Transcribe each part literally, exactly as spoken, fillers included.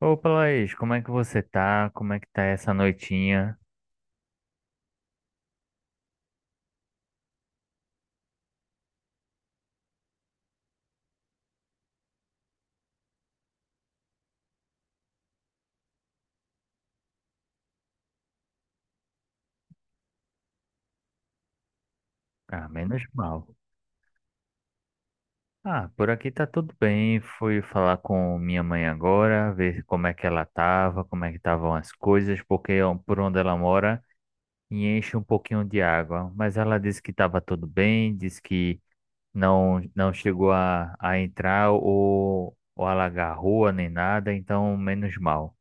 Opa, Laís, como é que você tá? Como é que tá essa noitinha? Ah, menos mal. Ah, por aqui tá tudo bem. Fui falar com minha mãe agora, ver como é que ela tava, como é que estavam as coisas, porque ó, por onde ela mora enche um pouquinho de água. Mas ela disse que tava tudo bem, disse que não não chegou a, a entrar ou, ou alagar a rua nem nada, então menos mal.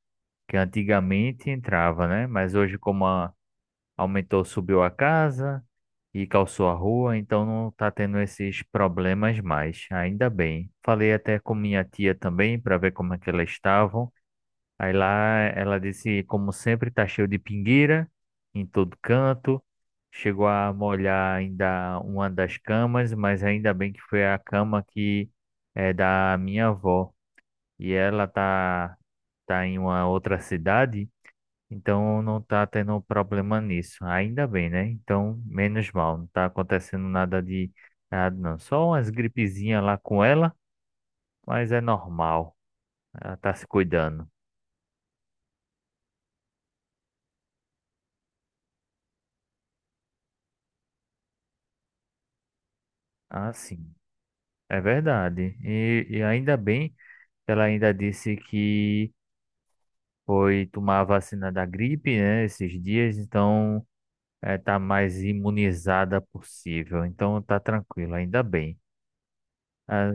Que antigamente entrava, né? Mas hoje como a aumentou, subiu a casa e calçou a rua, então não tá tendo esses problemas mais. Ainda bem. Falei até com minha tia também para ver como é que elas estavam. Aí lá ela disse, como sempre, tá cheio de pingueira em todo canto. Chegou a molhar ainda uma das camas, mas ainda bem que foi a cama que é da minha avó. E ela tá tá em uma outra cidade, então não tá tendo problema nisso. Ainda bem, né? Então, menos mal. Não tá acontecendo nada de nada, não. Só umas gripezinhas lá com ela, mas é normal. Ela tá se cuidando. Ah, sim. É verdade. E, e ainda bem que ela ainda disse que foi tomar a vacina da gripe, né? Esses dias, então é, tá mais imunizada possível. Então tá tranquilo, ainda bem. Ah.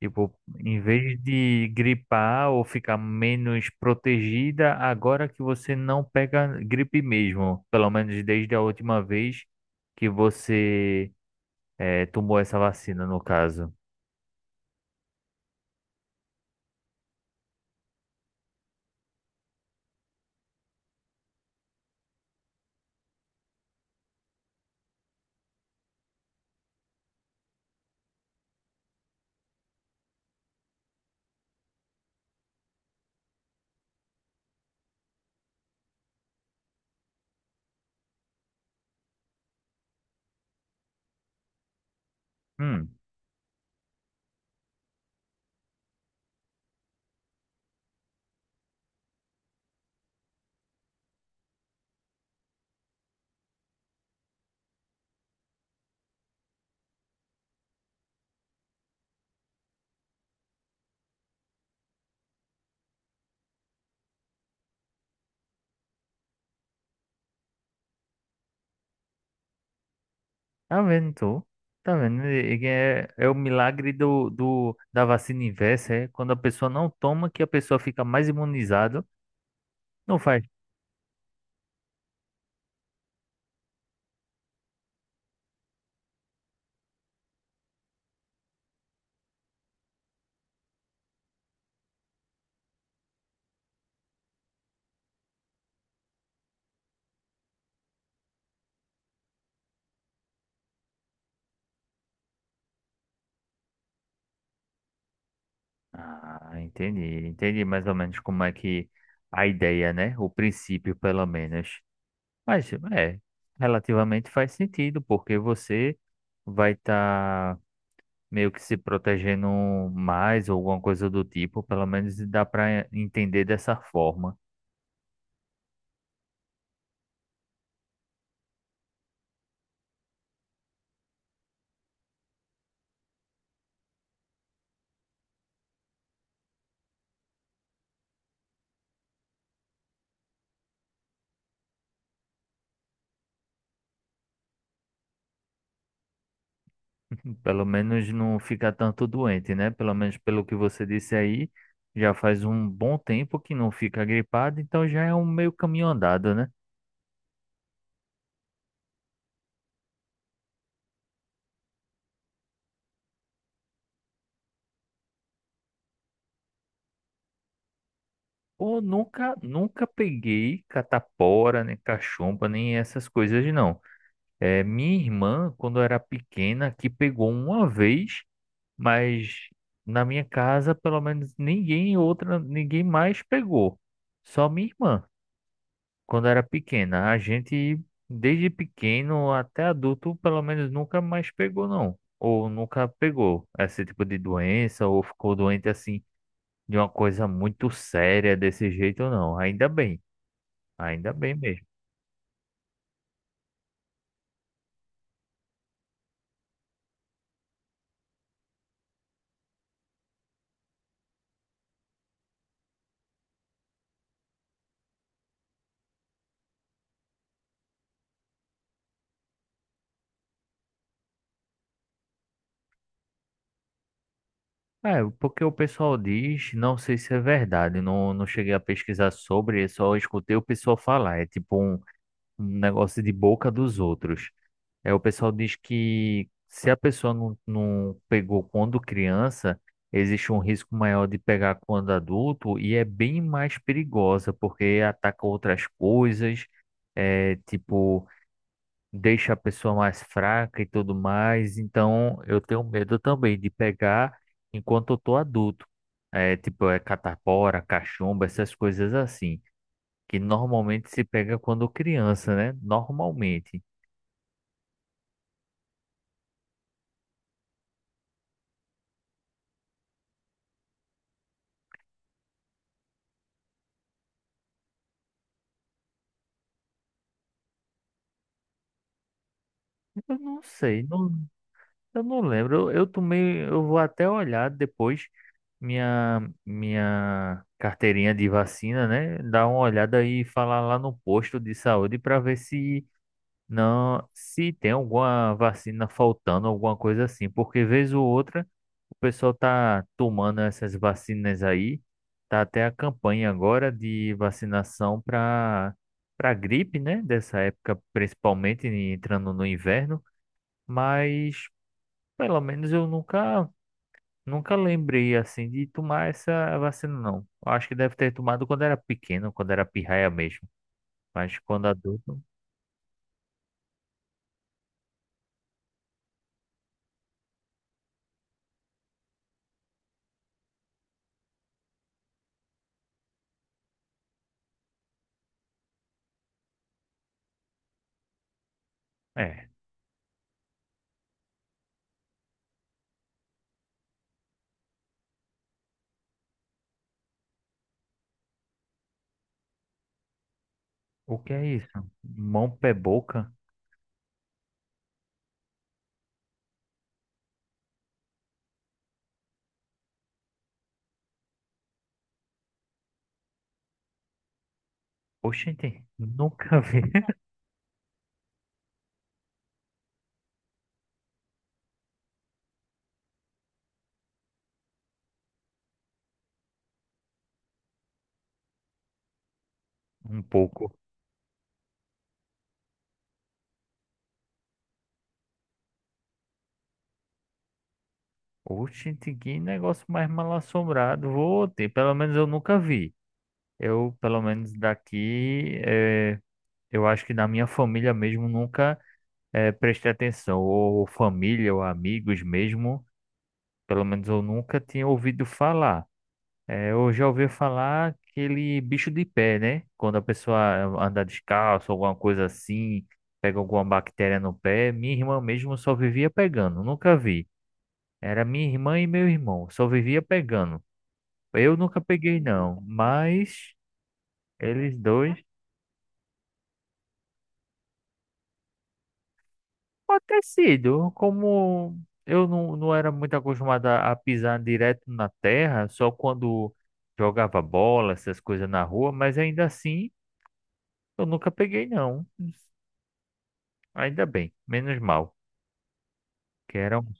Tipo, em vez de gripar ou ficar menos protegida, agora que você não pega gripe mesmo, pelo menos desde a última vez que você eh, tomou essa vacina, no caso. Hum, tá vendo tu? Tá vendo? E- e É, é o milagre do, do, da vacina inversa, é quando a pessoa não toma que a pessoa fica mais imunizada, não faz. Ah, entendi, entendi mais ou menos como é que a ideia, né? O princípio, pelo menos. Mas é, relativamente faz sentido, porque você vai estar meio que se protegendo mais ou alguma coisa do tipo, pelo menos dá para entender dessa forma. Pelo menos não fica tanto doente, né? Pelo menos pelo que você disse aí, já faz um bom tempo que não fica gripado, então já é um meio caminho andado, né? Ou nunca, nunca peguei catapora, nem cachumba, nem essas coisas, não. É, minha irmã, quando era pequena, que pegou uma vez, mas na minha casa, pelo menos ninguém outra, ninguém mais pegou. Só minha irmã, quando era pequena. A gente, desde pequeno até adulto, pelo menos nunca mais pegou, não. Ou nunca pegou esse tipo de doença, ou ficou doente assim, de uma coisa muito séria desse jeito, não. Ainda bem, ainda bem mesmo. É, porque o pessoal diz, não sei se é verdade, não, não cheguei a pesquisar sobre, só escutei o pessoal falar. É tipo um, um negócio de boca dos outros. É, o pessoal diz que se a pessoa não, não pegou quando criança, existe um risco maior de pegar quando adulto e é bem mais perigosa, porque ataca outras coisas. É tipo deixa a pessoa mais fraca e tudo mais. Então, eu tenho medo também de pegar enquanto eu tô adulto. É, tipo, é catapora, cachumba, essas coisas assim, que normalmente se pega quando criança, né? Normalmente. Eu não sei, não, eu não lembro. Eu, eu tomei, eu vou até olhar depois minha minha carteirinha de vacina, né? Dar uma olhada e falar lá no posto de saúde para ver se não, se tem alguma vacina faltando, alguma coisa assim, porque vez ou outra o pessoal tá tomando essas vacinas aí, tá até a campanha agora de vacinação para para gripe, né? Dessa época, principalmente entrando no inverno, mas pelo menos eu nunca nunca lembrei assim de tomar essa vacina não. Acho que deve ter tomado quando era pequeno, quando era pirraia mesmo, mas quando adulto, é. O que é isso? Mão, pé, boca? Oxente, nunca vi. Um pouco. Oxente, que negócio mais mal assombrado. Vou ter, pelo menos eu nunca vi. Eu, pelo menos daqui, eh, eu acho que da minha família mesmo nunca eh, prestei atenção. Ou família, ou amigos mesmo, pelo menos eu nunca tinha ouvido falar. É, eu já ouvi falar aquele bicho de pé, né? Quando a pessoa anda descalço, alguma coisa assim, pega alguma bactéria no pé. Minha irmã mesmo só vivia pegando, nunca vi. Era minha irmã e meu irmão, só vivia pegando. Eu nunca peguei, não, mas eles dois. Pode ter sido, como eu não, não era muito acostumado a a pisar direto na terra, só quando jogava bola, essas coisas na rua, mas ainda assim eu nunca peguei, não. Ainda bem, menos mal. Que era um...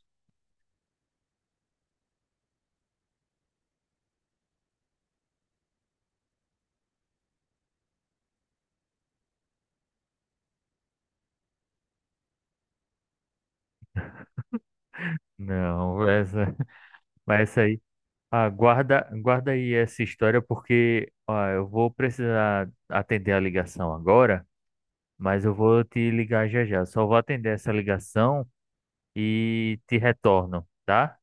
Não, essa, mas essa aí. Ah, guarda, guarda aí essa história porque ó, eu vou precisar atender a ligação agora, mas eu vou te ligar já já. Só vou atender essa ligação e te retorno, tá?